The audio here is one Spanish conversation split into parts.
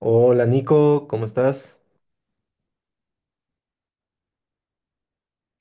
Hola Nico, ¿cómo estás?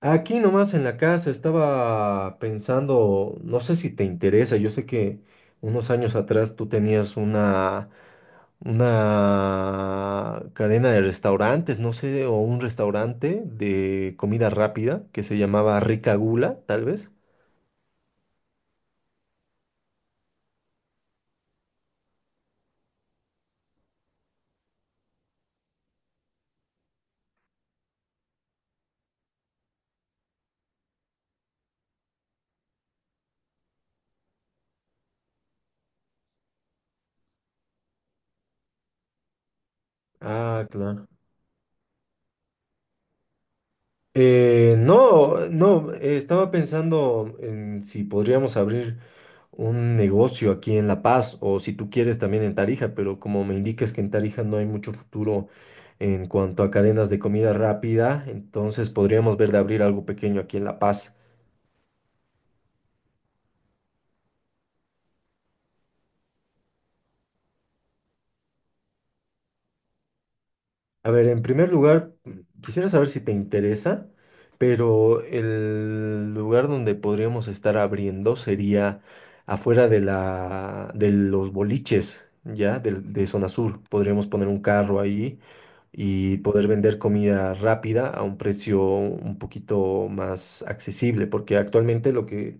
Aquí nomás en la casa estaba pensando, no sé si te interesa, yo sé que unos años atrás tú tenías una cadena de restaurantes, no sé, o un restaurante de comida rápida que se llamaba Rica Gula, tal vez. Ah, claro. No, no, estaba pensando en si podríamos abrir un negocio aquí en La Paz o si tú quieres también en Tarija, pero como me indicas que en Tarija no hay mucho futuro en cuanto a cadenas de comida rápida, entonces podríamos ver de abrir algo pequeño aquí en La Paz. A ver, en primer lugar, quisiera saber si te interesa, pero el lugar donde podríamos estar abriendo sería afuera de de los boliches, ¿ya? De, Zona Sur. Podríamos poner un carro ahí y poder vender comida rápida a un precio un poquito más accesible, porque actualmente lo que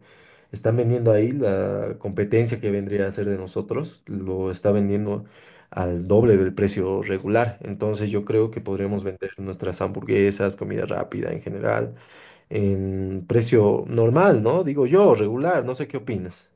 están vendiendo ahí, la competencia que vendría a ser de nosotros, lo está vendiendo al doble del precio regular. Entonces yo creo que podremos vender nuestras hamburguesas, comida rápida en general, en precio normal, ¿no? Digo yo, regular, no sé qué opinas.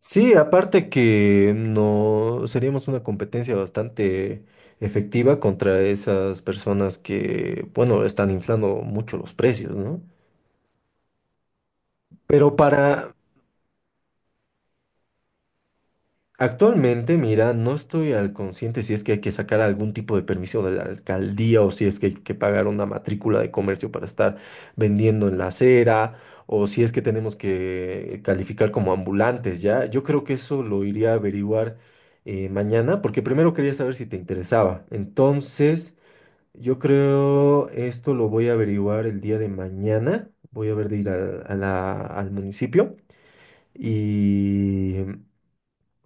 Sí, aparte que no seríamos una competencia bastante efectiva contra esas personas que, bueno, están inflando mucho los precios, ¿no? Pero para, Actualmente, mira, no estoy al consciente si es que hay que sacar algún tipo de permiso de la alcaldía o si es que hay que pagar una matrícula de comercio para estar vendiendo en la acera o si es que tenemos que calificar como ambulantes, ¿ya? Yo creo que eso lo iría a averiguar mañana porque primero quería saber si te interesaba. Entonces, yo creo esto lo voy a averiguar el día de mañana. Voy a ver de ir al municipio. Y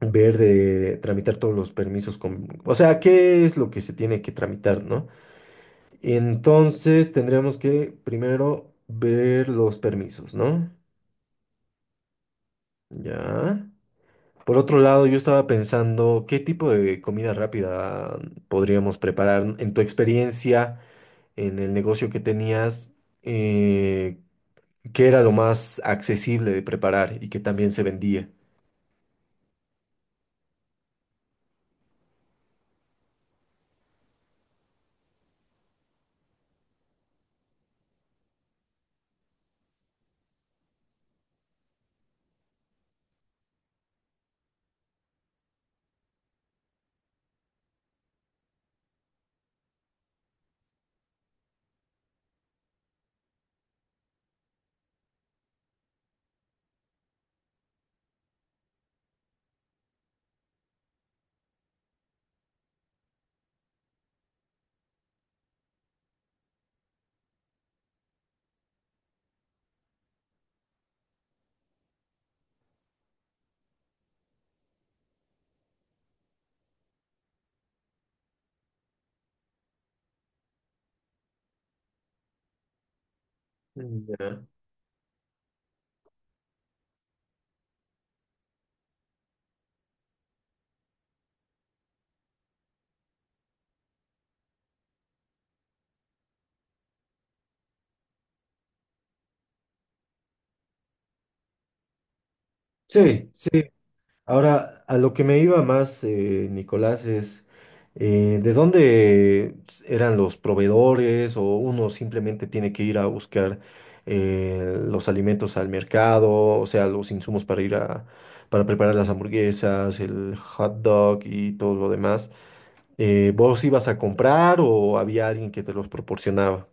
ver de tramitar todos los permisos con, o sea, qué es lo que se tiene que tramitar, ¿no? Entonces tendríamos que primero ver los permisos, ¿no? Ya. Por otro lado, yo estaba pensando qué tipo de comida rápida podríamos preparar en tu experiencia, en el negocio que tenías, eh, qué era lo más accesible de preparar y que también se vendía. Mm, ya. Sí, sí. Ahora, a lo que me iba más, Nicolás, es ¿de dónde eran los proveedores o uno simplemente tiene que ir a buscar los alimentos al mercado, o sea, los insumos para ir a, para preparar las hamburguesas, el hot dog y todo lo demás? ¿Vos ibas a comprar o había alguien que te los proporcionaba?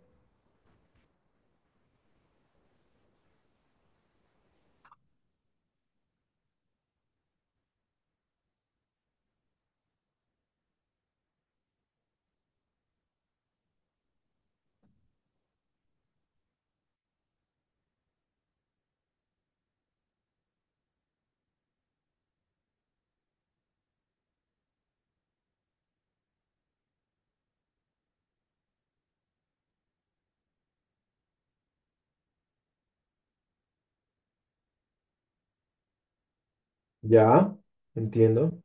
Ya, entiendo.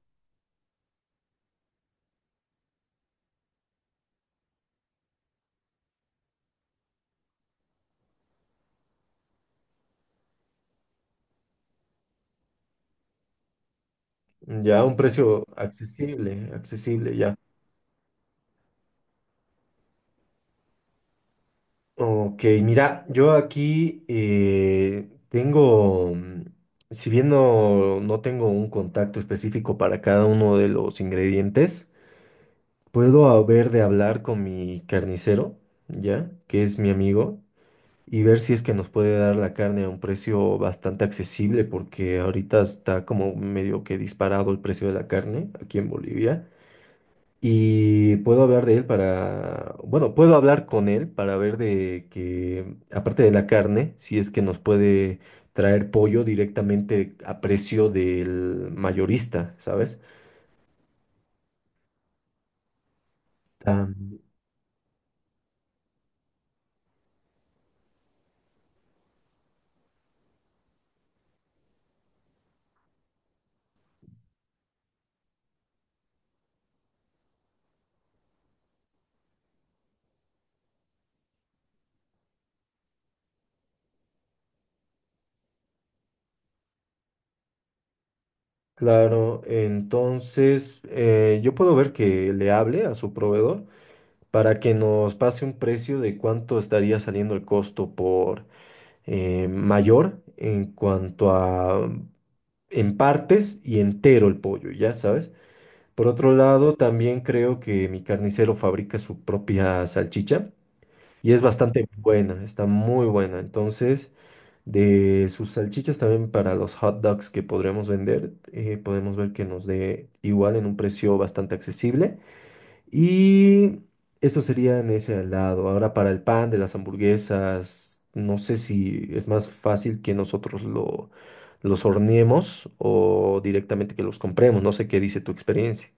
Ya, un precio accesible, accesible, ya. Ok, mira, yo aquí tengo, si bien no, no tengo un contacto específico para cada uno de los ingredientes, puedo haber de hablar con mi carnicero, ¿ya? Que es mi amigo, y ver si es que nos puede dar la carne a un precio bastante accesible, porque ahorita está como medio que disparado el precio de la carne aquí en Bolivia. Y puedo hablar de él para, bueno, puedo hablar con él para ver de que, aparte de la carne, si es que nos puede traer pollo directamente a precio del mayorista, ¿sabes? Tam- claro, entonces yo puedo ver que le hable a su proveedor para que nos pase un precio de cuánto estaría saliendo el costo por mayor en cuanto a en partes y entero el pollo, ¿ya sabes? Por otro lado, también creo que mi carnicero fabrica su propia salchicha y es bastante buena, está muy buena. Entonces, de sus salchichas también para los hot dogs que podremos vender, podemos ver que nos dé igual en un precio bastante accesible. Y eso sería en ese lado. Ahora, para el pan de las hamburguesas, no sé si es más fácil que nosotros los horneemos o directamente que los compremos. No sé qué dice tu experiencia.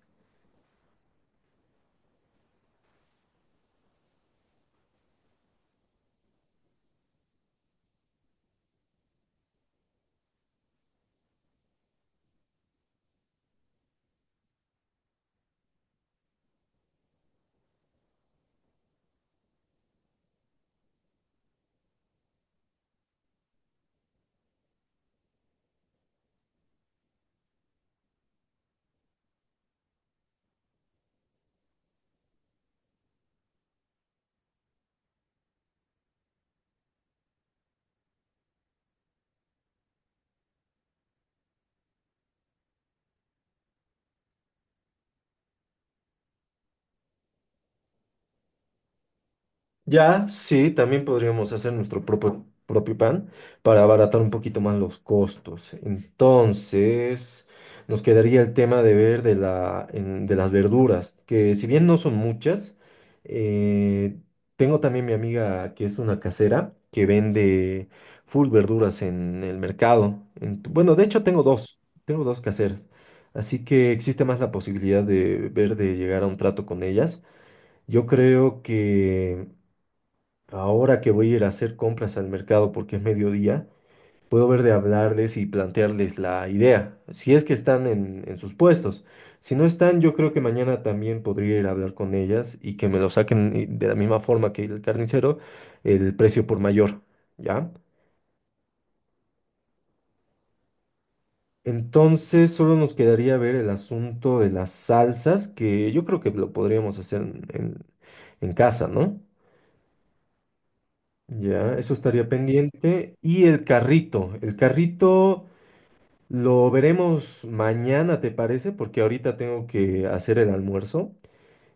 Ya, sí, también podríamos hacer nuestro propio pan para abaratar un poquito más los costos. Entonces, nos quedaría el tema de ver de de las verduras, que si bien no son muchas, eh, tengo también mi amiga que es una casera que vende full verduras en el mercado. Bueno, de hecho tengo dos caseras, así que existe más la posibilidad de ver de llegar a un trato con ellas. Yo creo que... Ahora que voy a ir a hacer compras al mercado porque es mediodía, puedo ver de hablarles y plantearles la idea, si es que están en sus puestos. Si no están, yo creo que mañana también podría ir a hablar con ellas y que me lo saquen de la misma forma que el carnicero, el precio por mayor, ¿ya? Entonces solo nos quedaría ver el asunto de las salsas, que yo creo que lo podríamos hacer en casa, ¿no? Ya, eso estaría pendiente. Y el carrito... Lo veremos mañana, ¿te parece? Porque ahorita tengo que hacer el almuerzo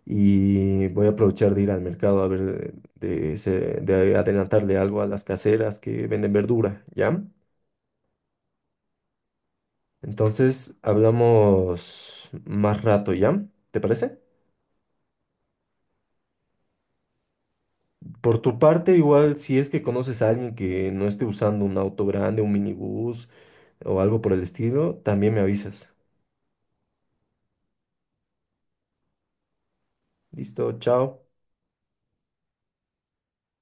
y voy a aprovechar de ir al mercado a ver de, de adelantarle algo a las caseras que venden verdura, ¿ya? Entonces hablamos más rato, ¿ya? ¿Te parece? Por tu parte, igual si es que conoces a alguien que no esté usando un auto grande, un minibús o algo por el estilo, también me avisas. Listo, chao.